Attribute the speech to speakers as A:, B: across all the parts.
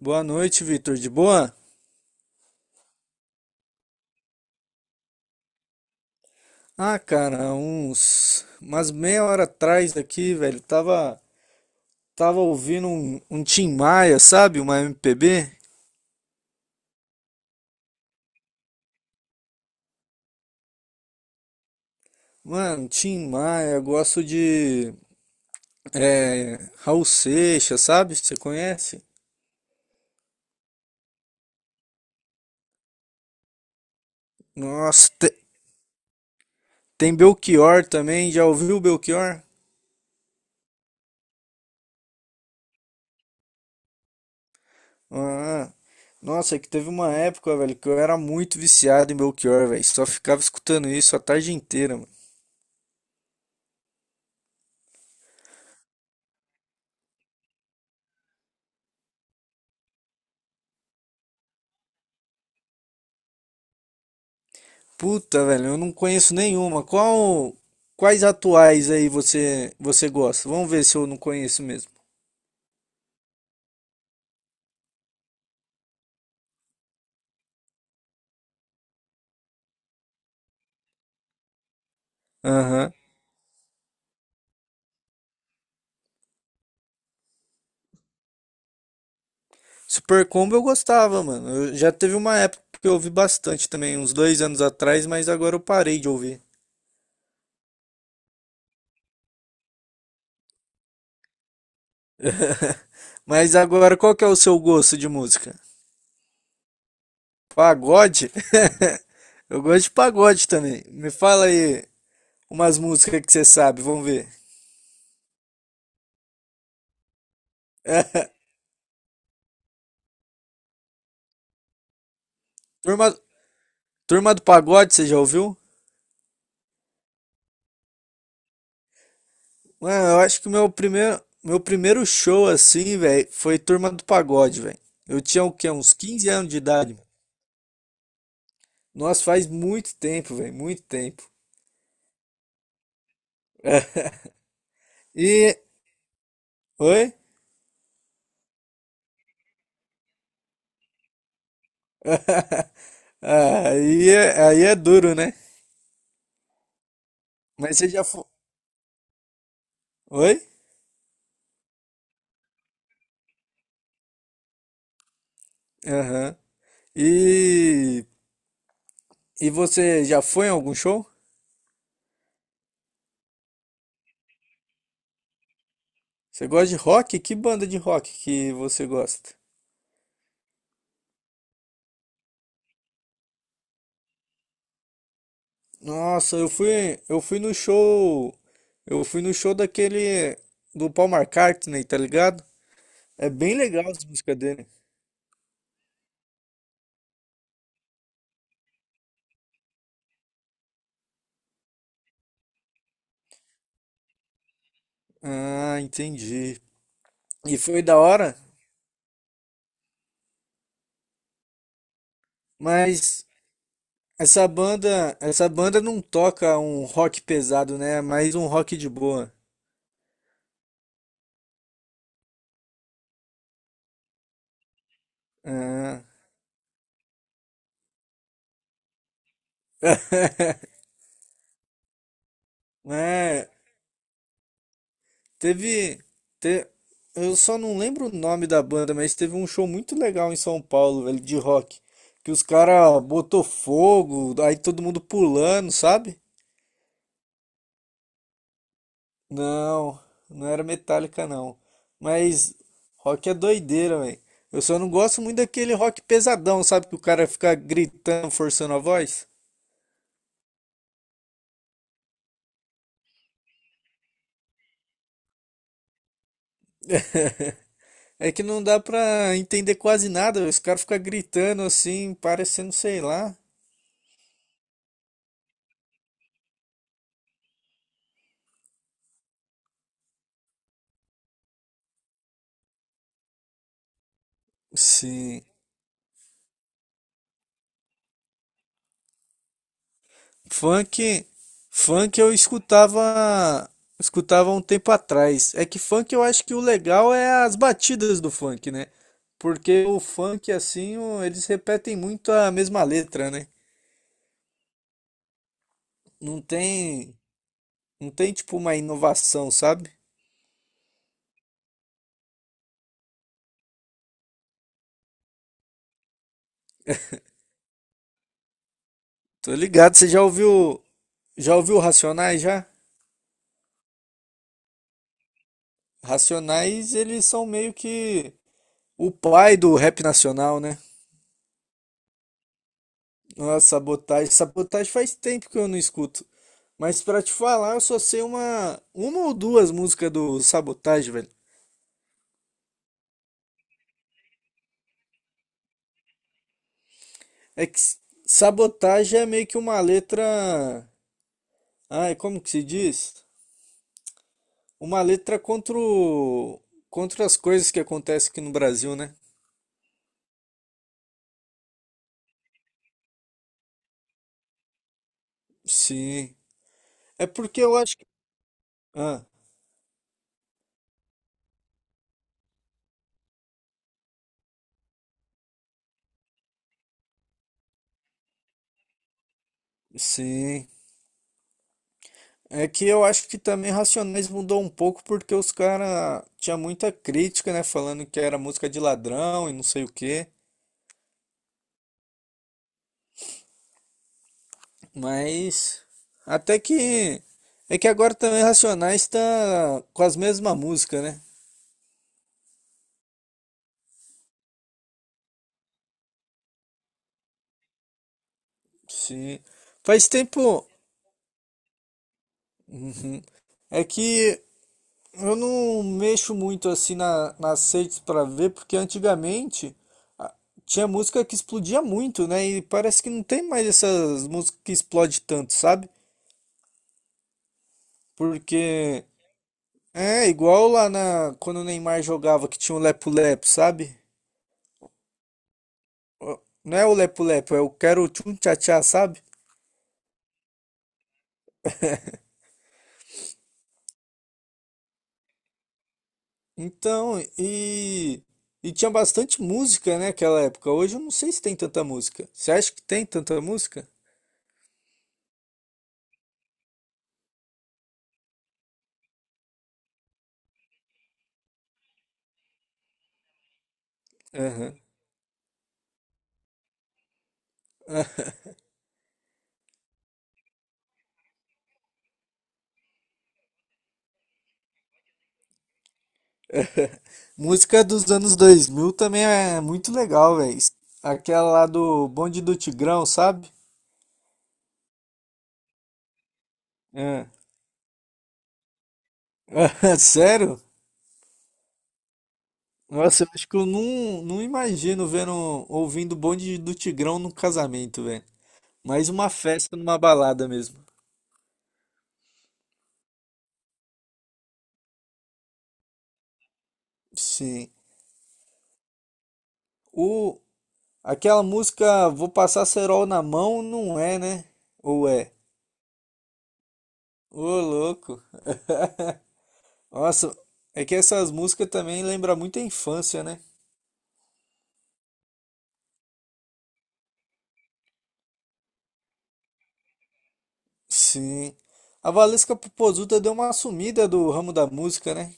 A: Boa noite, Vitor. De boa? Ah, cara, uns. Mas meia hora atrás aqui, velho, Tava ouvindo um Tim Maia, sabe? Uma MPB. Mano, Tim Maia, gosto de. É, Raul Seixas, sabe? Você conhece? Nossa, tem Belchior também. Já ouviu o Belchior? Ah, nossa, é que teve uma época, velho, que eu era muito viciado em Belchior, velho. Só ficava escutando isso a tarde inteira, mano. Puta, velho, eu não conheço nenhuma. Quais atuais aí você gosta? Vamos ver se eu não conheço mesmo. Aham. Super Combo eu gostava, mano. Já teve uma época que eu ouvi bastante também, uns 2 anos atrás, mas agora eu parei de ouvir. Mas agora, qual que é o seu gosto de música? Pagode? Eu gosto de pagode também. Me fala aí umas músicas que você sabe, vamos ver. Turma, Turma do Pagode, você já ouviu? Mano, eu acho que o meu primeiro show, assim, velho, foi Turma do Pagode, velho. Eu tinha o quê? Uns 15 anos de idade, mano. Nossa, faz muito tempo, velho, muito tempo. E. Oi? Aí é duro, né? Mas você já foi. Oi? Aham. E. Você já foi em algum show? Você gosta de rock? Que banda de rock que você gosta? Nossa, eu fui no show, daquele do Paul McCartney, tá ligado? É bem legal as músicas dele. Ah, entendi. E foi da hora, mas essa banda não toca um rock pesado, né? É mais um rock de boa. Ah. É. Teve, te- Eu só não lembro o nome da banda, mas teve um show muito legal em São Paulo, velho, de rock. Que os caras botou fogo, aí todo mundo pulando, sabe? Não, não era Metallica, não. Mas rock é doideira, velho. Eu só não gosto muito daquele rock pesadão, sabe? Que o cara fica gritando, forçando a voz. É que não dá pra entender quase nada, velho. Os caras ficam gritando assim, parecendo, sei lá. Sim. Funk, funk eu escutava um tempo atrás. É que funk eu acho que o legal é as batidas do funk, né? Porque o funk assim, eles repetem muito a mesma letra, né? Não tem, não tem tipo uma inovação, sabe? Tô ligado, já ouviu Racionais já? Racionais, eles são meio que o pai do rap nacional, né? Ah, sabotagem. Sabotagem faz tempo que eu não escuto. Mas pra te falar, eu só sei uma ou duas músicas do Sabotagem, velho. É que s- Sabotagem é meio que uma letra. Ai, como que se diz? Uma letra contra as coisas que acontecem aqui no Brasil, né? Sim. É porque eu acho que. Ah, sim. É que eu acho que também Racionais mudou um pouco porque os caras tinha muita crítica, né? Falando que era música de ladrão e não sei o quê. Mas até que é que agora também Racionais tá com as mesmas músicas, né? Sim. Faz tempo. Uhum. É que eu não mexo muito assim nas redes pra ver, porque antigamente a- tinha música que explodia muito, né? E parece que não tem mais essas músicas que explodem tanto, sabe? Porque é igual lá na quando o Neymar jogava que tinha o Lepo Lepo, sabe? Ó, não é o Lepo Lepo, é o Quero Tchum Tchá Tchá, sabe? Então, e tinha bastante música, né, naquela época. Hoje eu não sei se tem tanta música. Você acha que tem tanta música? Aham. Música dos anos 2000 também é muito legal, velho. Aquela lá do Bonde do Tigrão, sabe? É. Sério? Nossa, eu acho que eu não imagino vendo, ouvindo o Bonde do Tigrão num casamento, velho. Mais uma festa numa balada mesmo. Sim. O, Aquela música Vou Passar Cerol na Mão não é, né? Ou é? Ô, louco. Nossa, é que essas músicas também lembram muito a infância, né? Sim. A Valesca Popozuda deu uma sumida do ramo da música, né?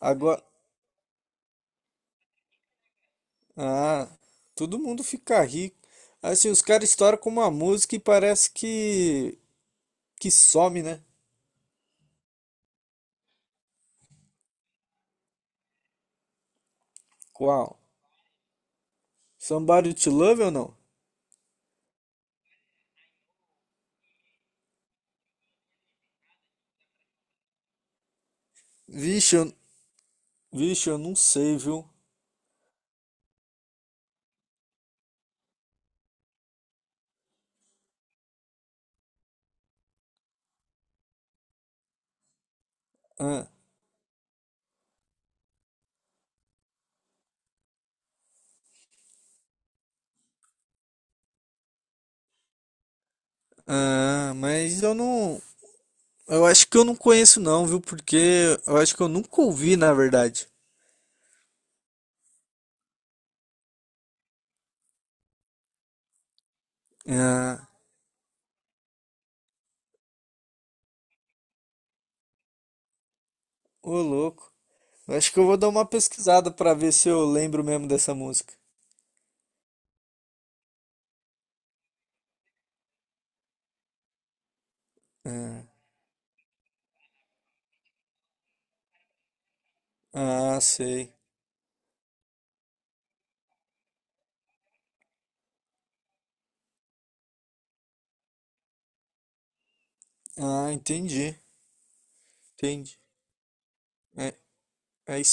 A: Agora. Ah, todo mundo fica rico. Assim, os caras estouram com uma música e parece que some, né? Qual? Somebody to Love ou não? Vixe, eu, vixe, eu não sei, viu? Ah. Mas eu não. Eu acho que eu não conheço, não, viu? Porque eu acho que eu nunca ouvi, na verdade. Ah, ô louco. Eu acho que eu vou dar uma pesquisada pra ver se eu lembro mesmo dessa música. Ah, ah, sei. Ah, entendi. Entendi. É, aí